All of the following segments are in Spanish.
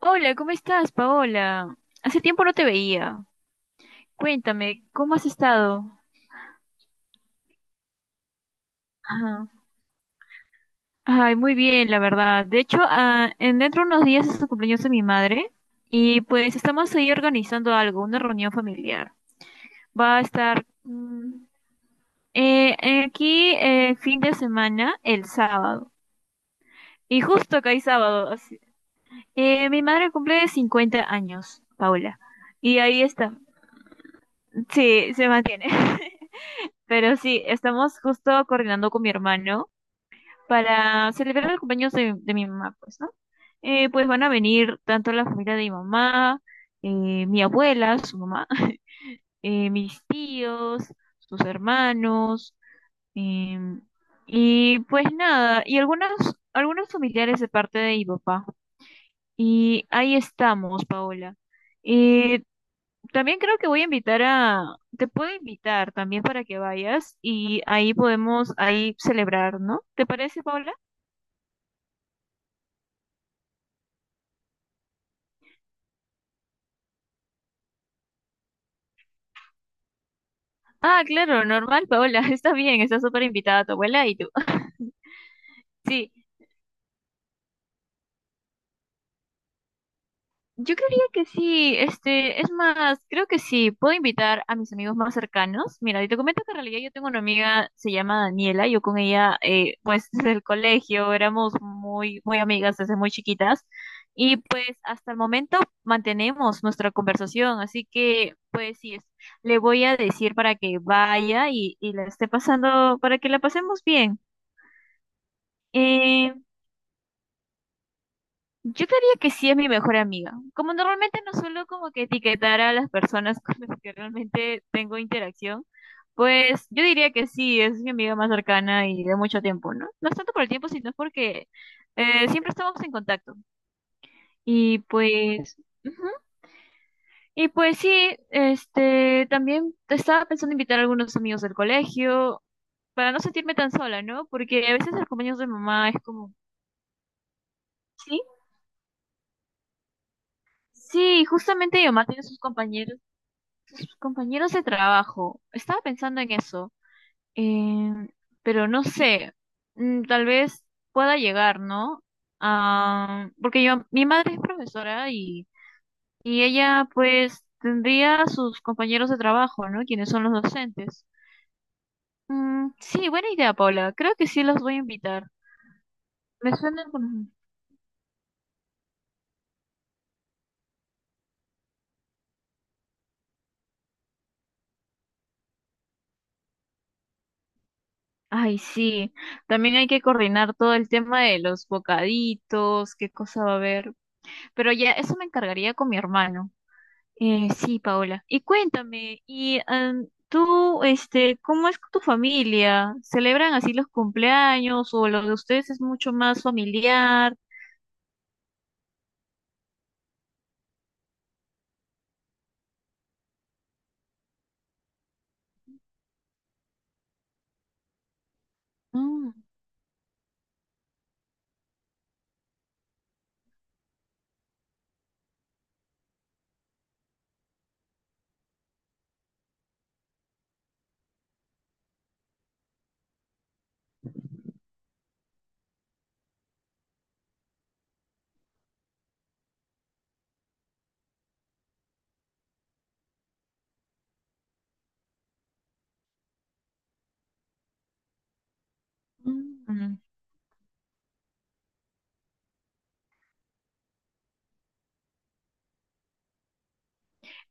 Hola, ¿cómo estás, Paola? Hace tiempo no te veía. Cuéntame, ¿cómo has estado? Ajá. Ay, muy bien, la verdad. De hecho, en dentro de unos días es el cumpleaños de mi madre y pues estamos ahí organizando algo, una reunión familiar. Va a estar aquí fin de semana, el sábado. Y justo acá hay sábado. Así. Mi madre cumple 50 años, Paola. Y ahí está. Sí, se mantiene. Pero sí, estamos justo coordinando con mi hermano para celebrar el cumpleaños de mi mamá, pues, ¿no? Pues van a venir tanto la familia de mi mamá, mi abuela, su mamá, mis tíos, sus hermanos, em, y pues nada, algunos familiares de parte de mi papá. Y ahí estamos, Paola. Eh, también creo que voy a invitar a, te puedo invitar también para que vayas y ahí podemos ahí celebrar, ¿no? ¿Te parece, Paola? Ah, claro, normal, Paola. Está bien, está súper invitada tu abuela y tú. Sí. Yo creería que sí, este, es más, creo que sí, puedo invitar a mis amigos más cercanos. Mira, y te comento que en realidad yo tengo una amiga, se llama Daniela, yo con ella, pues desde el colegio éramos muy, muy amigas desde muy chiquitas y pues hasta el momento mantenemos nuestra conversación, así que pues sí, le voy a decir para que vaya y la esté pasando, para que la pasemos bien. Eh, Yo diría que sí es mi mejor amiga. Como normalmente no suelo como que etiquetar a las personas con las que realmente tengo interacción, pues yo diría que sí, es mi amiga más cercana y de mucho tiempo, ¿no? No es tanto por el tiempo, sino porque siempre estamos en contacto. Y pues, ujú. Y pues sí, este, también estaba pensando invitar a algunos amigos del colegio para no sentirme tan sola, ¿no? Porque a veces el compañero de mamá es como, sí, sí, justamente mi mamá tiene sus compañeros de trabajo. Estaba pensando en eso, eh, pero no sé, mm, tal vez pueda llegar, ¿no? Ah, porque yo, mi madre es profesora y ella pues tendría sus compañeros de trabajo, ¿no? Quienes son los docentes. Mm, sí, buena idea, Paula. Creo que sí los voy a invitar. Me suena como... Ay, sí. También hay que coordinar todo el tema de los bocaditos, qué cosa va a haber. Pero ya, eso me encargaría con mi hermano. Sí, Paola. Y cuéntame, tú, este, ¿cómo es con tu familia? ¿Celebran así los cumpleaños o lo de ustedes es mucho más familiar? Mm. Mm.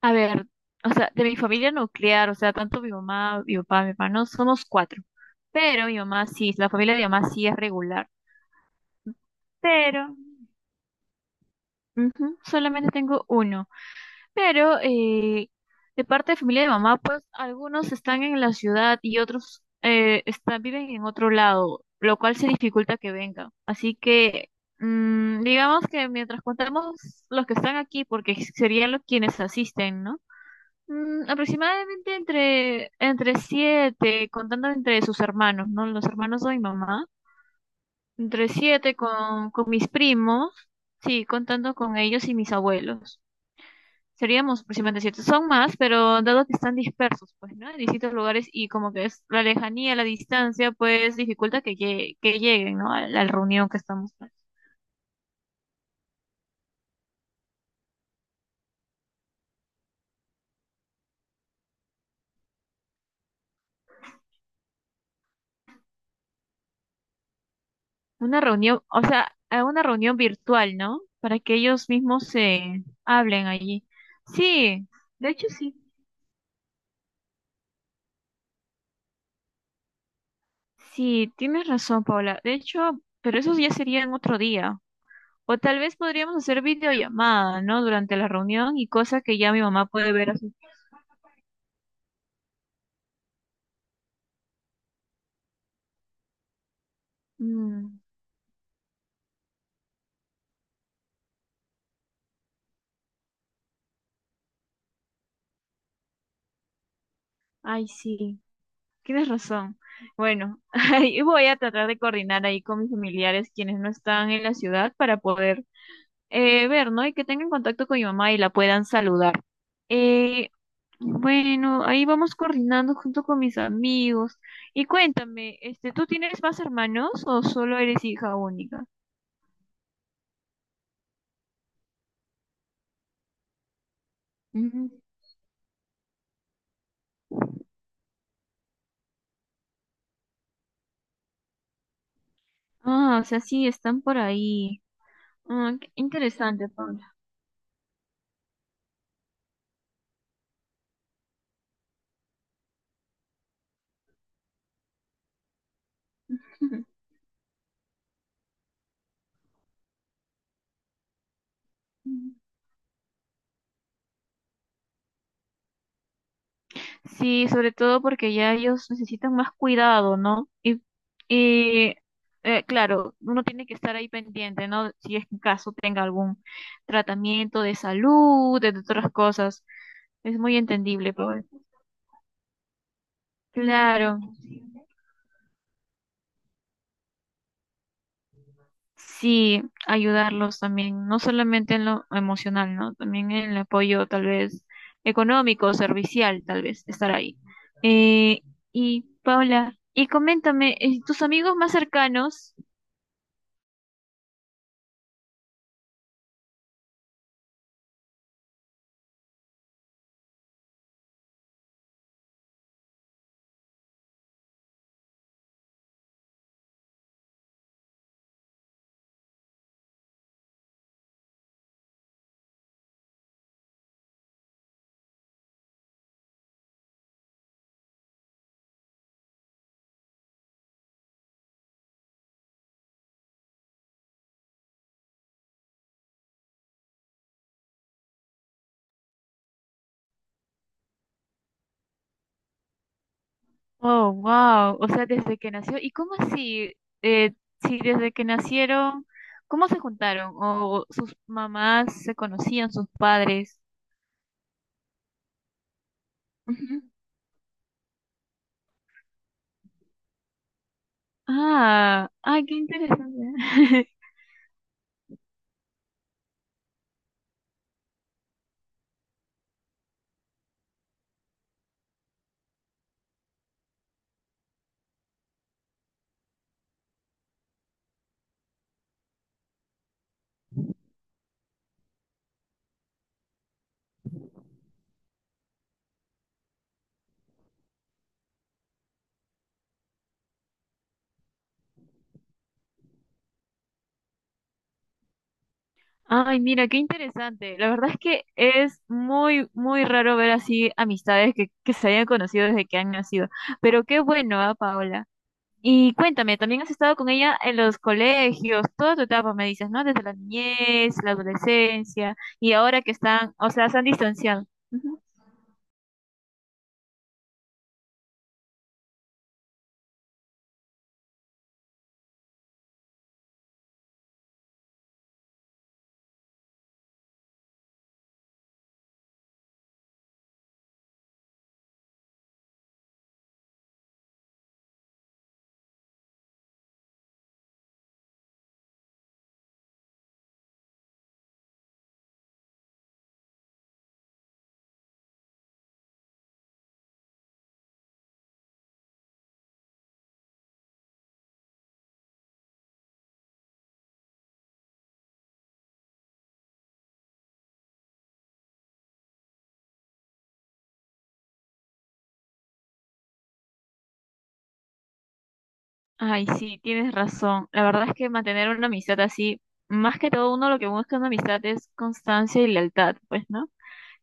A ver, o sea, de mi familia nuclear, o sea, tanto mi mamá, mi papá, mi hermano, somos cuatro. Pero mi mamá sí, la familia de mi mamá sí es regular. Pero ujú, solamente tengo uno. Pero de parte de familia de mamá, pues algunos están en la ciudad y otros están, viven en otro lado, lo cual se dificulta que vengan. Así que mm, digamos que mientras contamos los que están aquí, porque serían los quienes asisten, ¿no? Mm, aproximadamente entre siete, contando entre sus hermanos, ¿no? Los hermanos de mi mamá, entre siete con mis primos, sí, contando con ellos y mis abuelos seríamos aproximadamente siete. Son más, pero dado que están dispersos, pues, ¿no? En distintos lugares y como que es la lejanía, la distancia, pues dificulta que, que lleguen, ¿no? A la reunión que estamos, pues. Una reunión, o sea, a una reunión virtual, ¿no? Para que ellos mismos se hablen allí. Sí, de hecho sí. Sí, tienes razón, Paula. De hecho, pero eso ya sería en otro día. O tal vez podríamos hacer videollamada, ¿no? Durante la reunión y cosa que ya mi mamá puede ver así. Mm, ay, sí. Tienes razón. Bueno, ahí voy a tratar de coordinar ahí con mis familiares quienes no están en la ciudad para poder ver, ¿no? Y que tengan contacto con mi mamá y la puedan saludar. Eh, bueno, ahí vamos coordinando junto con mis amigos. Y cuéntame, este, ¿tú tienes más hermanos o solo eres hija única? Ujú. Ah, o sea, sí, están por ahí. Ah, qué interesante, Paula. Sí, sobre todo porque ya ellos necesitan más cuidado, ¿no? Y, y claro, uno tiene que estar ahí pendiente, ¿no? Si es que en caso tenga algún tratamiento de salud, de otras cosas. Es muy entendible, pues. Claro, sí, ayudarlos también, no solamente en lo emocional, ¿no? También en el apoyo tal vez económico, servicial, tal vez, estar ahí. Eh, y Paula, y coméntame, ¿tus amigos más cercanos? Oh, wow. O sea, desde que nació. ¿Y cómo así? Eh, si desde que nacieron, ¿cómo se juntaron? ¿O sus mamás se conocían, sus padres? Ujú. Ah, ay, qué interesante. Ay, mira, qué interesante. La verdad es que es muy, muy raro ver así amistades que se hayan conocido desde que han nacido. Pero qué bueno, ¿ah, Paola? Y cuéntame, también has estado con ella en los colegios, toda tu etapa, me dices, ¿no? Desde la niñez, la adolescencia, y ahora que están, o sea, se han distanciado. Ujú. Ay, sí, tienes razón. La verdad es que mantener una amistad así, más que todo uno lo que busca en una amistad es constancia y lealtad, pues, ¿no?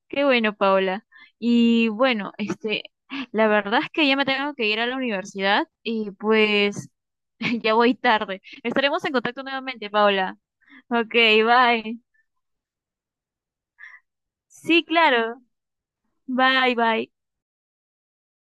Qué bueno, Paola. Y bueno, este, la verdad es que ya me tengo que ir a la universidad y pues ya voy tarde. Estaremos en contacto nuevamente, Paola. Ok, bye. Sí, claro. Bye, bye.